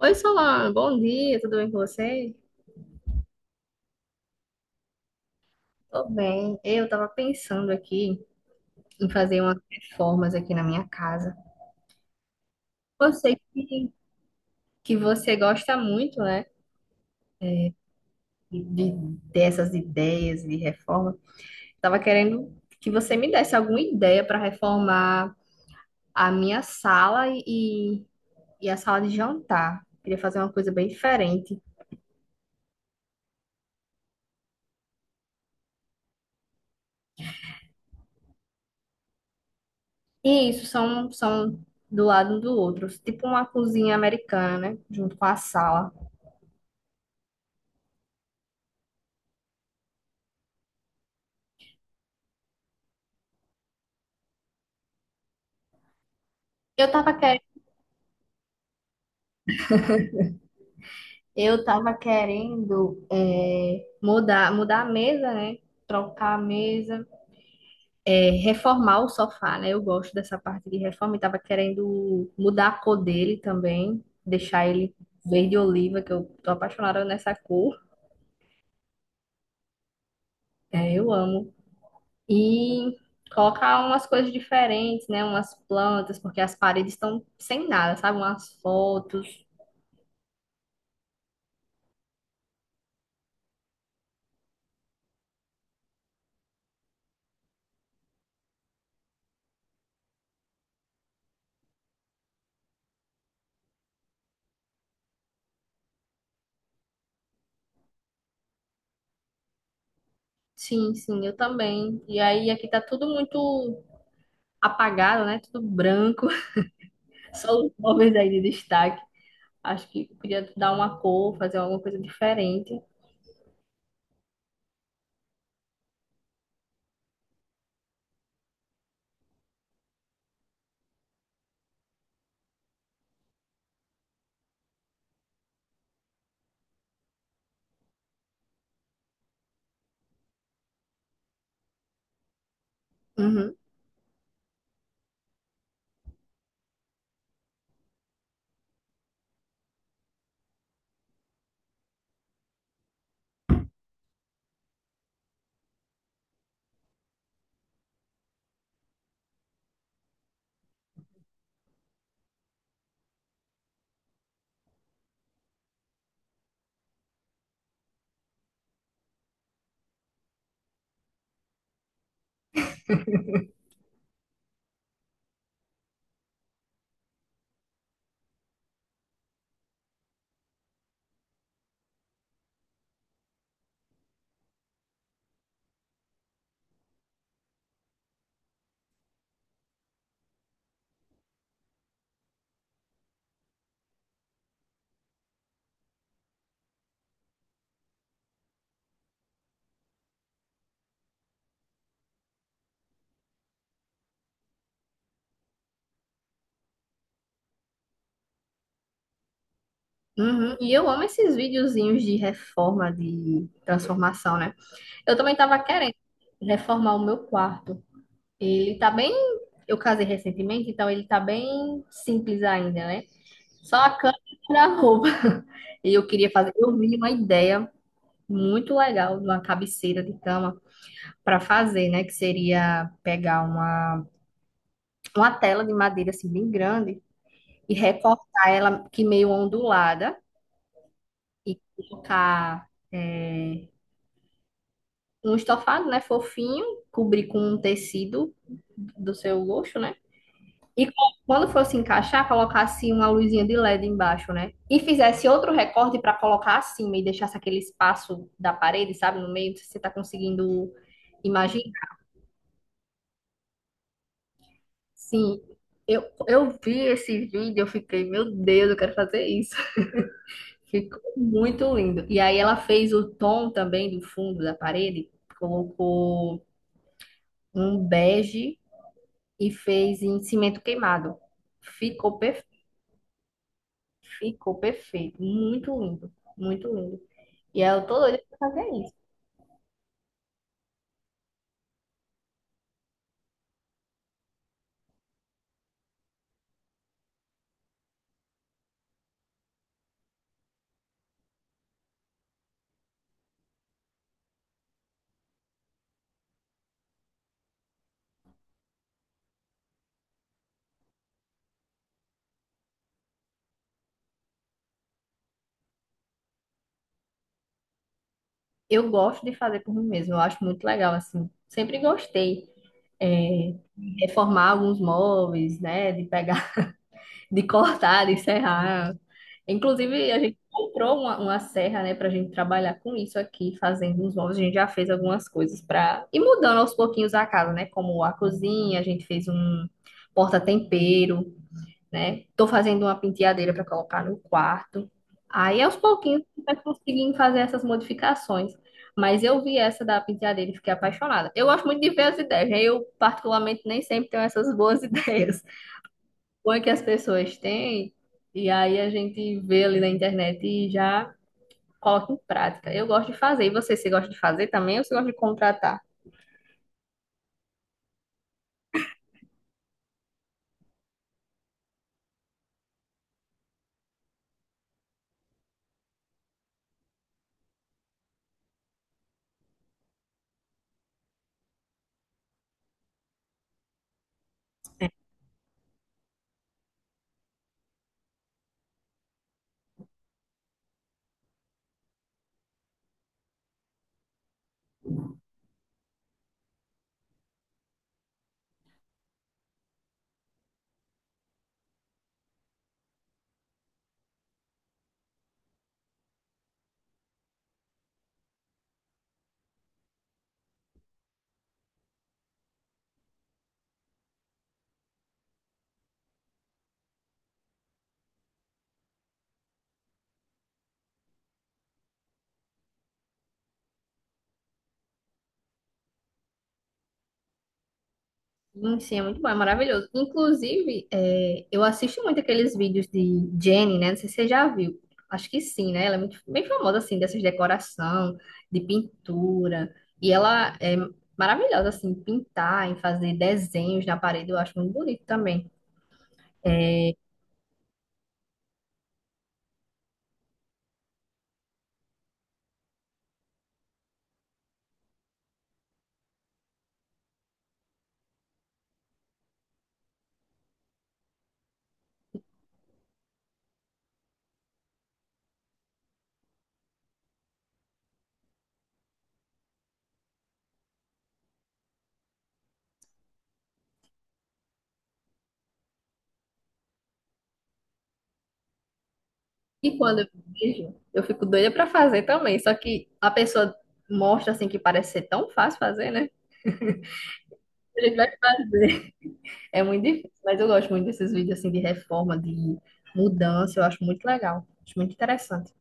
Oi, Solano, bom dia, tudo bem com você? Tô bem. Eu tava pensando aqui em fazer umas reformas aqui na minha casa. Eu sei que você gosta muito, né, de, dessas ideias de reforma. Tava querendo que você me desse alguma ideia para reformar a minha sala e a sala de jantar. Queria fazer uma coisa bem diferente. E isso são do lado um do outro, tipo uma cozinha americana, né, junto com a sala. Eu tava querendo Eu tava querendo mudar a mesa, né? Trocar a mesa, reformar o sofá, né? Eu gosto dessa parte de reforma e tava querendo mudar a cor dele também, deixar ele verde oliva, que eu tô apaixonada nessa cor. É, eu amo. E colocar umas coisas diferentes, né? Umas plantas, porque as paredes estão sem nada, sabe? Umas fotos. Sim, sim, eu também. E aí aqui tá tudo muito apagado, né? Tudo branco. Só os móveis aí de destaque. Acho que podia dar uma cor, fazer alguma coisa diferente. Uhum. Uhum. E eu amo esses videozinhos de reforma, de transformação, né? Eu também tava querendo reformar o meu quarto. Ele tá bem. Eu casei recentemente, então ele tá bem simples ainda, né? Só a cama e a roupa. E eu queria fazer. Eu vi uma ideia muito legal de uma cabeceira de cama para fazer, né? Que seria pegar uma tela de madeira assim bem grande e recortar ela que meio ondulada e colocar um estofado, né, fofinho, cobrir com um tecido do seu gosto, né? E quando fosse encaixar, colocasse uma luzinha de LED embaixo, né? E fizesse outro recorte para colocar acima e deixasse aquele espaço da parede, sabe, no meio, se você tá conseguindo imaginar? Sim. Eu vi esse vídeo, eu fiquei, meu Deus, eu quero fazer isso. Ficou muito lindo. E aí ela fez o tom também do fundo da parede, colocou um bege e fez em cimento queimado. Ficou perfeito, ficou perfeito, muito lindo, muito lindo. E aí eu tô doida pra fazer isso. Eu gosto de fazer por mim mesma, eu acho muito legal assim. Sempre gostei de reformar alguns móveis, né, de pegar de cortar, de serrar. Inclusive, a gente comprou uma serra, né, pra gente trabalhar com isso aqui, fazendo uns móveis. A gente já fez algumas coisas pra ir mudando aos pouquinhos a casa, né, como a cozinha, a gente fez um porta-tempero, né. Tô fazendo uma penteadeira pra colocar no quarto. Aí, aos pouquinhos, a gente vai conseguindo fazer essas modificações. Mas eu vi essa da penteadeira e fiquei apaixonada. Eu gosto muito de ver as ideias, né? Eu, particularmente, nem sempre tenho essas boas ideias bom é que as pessoas têm, e aí a gente vê ali na internet e já coloca em prática. Eu gosto de fazer. E você, você gosta de fazer também ou você gosta de contratar? Sim, é muito bom, é maravilhoso. Inclusive, eu assisto muito aqueles vídeos de Jenny, né? Não sei se você já viu. Acho que sim, né? Ela é muito bem famosa, assim, dessas decoração, de pintura. E ela é maravilhosa, assim, em pintar, em fazer desenhos na parede. Eu acho muito bonito também. E quando eu vejo, eu fico doida pra fazer também. Só que a pessoa mostra assim que parece ser tão fácil fazer, né? A gente vai fazer. É muito difícil, mas eu gosto muito desses vídeos assim de reforma, de mudança, eu acho muito legal, acho muito interessante.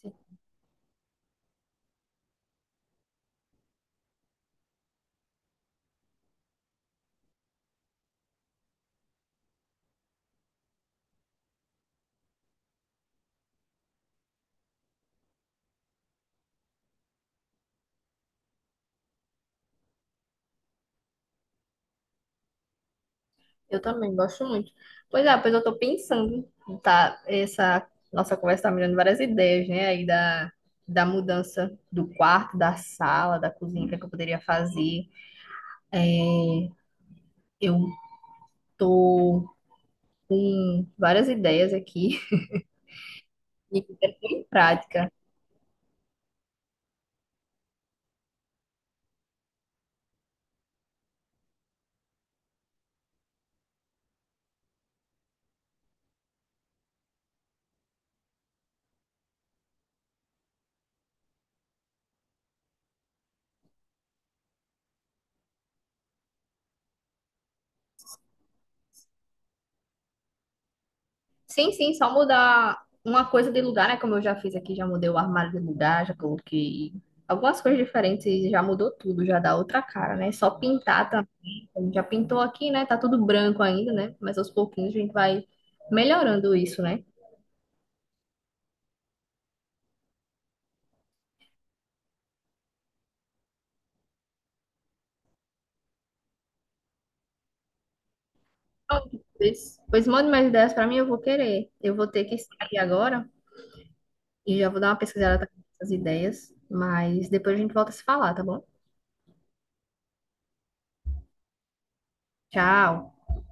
Sim, eu também gosto muito. Pois é, pois eu tô pensando, tá? Essa nossa conversa tá me dando várias ideias, né? Aí da mudança do quarto, da sala, da cozinha, o que é que eu poderia fazer. Eu tô com várias ideias aqui. E é bem prática. Sim, sim, só mudar uma coisa de lugar, né? Como eu já fiz aqui, já mudei o armário de lugar, já coloquei algumas coisas diferentes e já mudou tudo, já dá outra cara, né? Só pintar também. A gente já pintou aqui, né? Tá tudo branco ainda, né? Mas aos pouquinhos a gente vai melhorando isso, né? Pronto, Pois mande mais ideias pra mim, eu vou querer. Eu vou ter que sair agora e já vou dar uma pesquisada nessas ideias, mas depois a gente volta a se falar, tá bom? Tchau.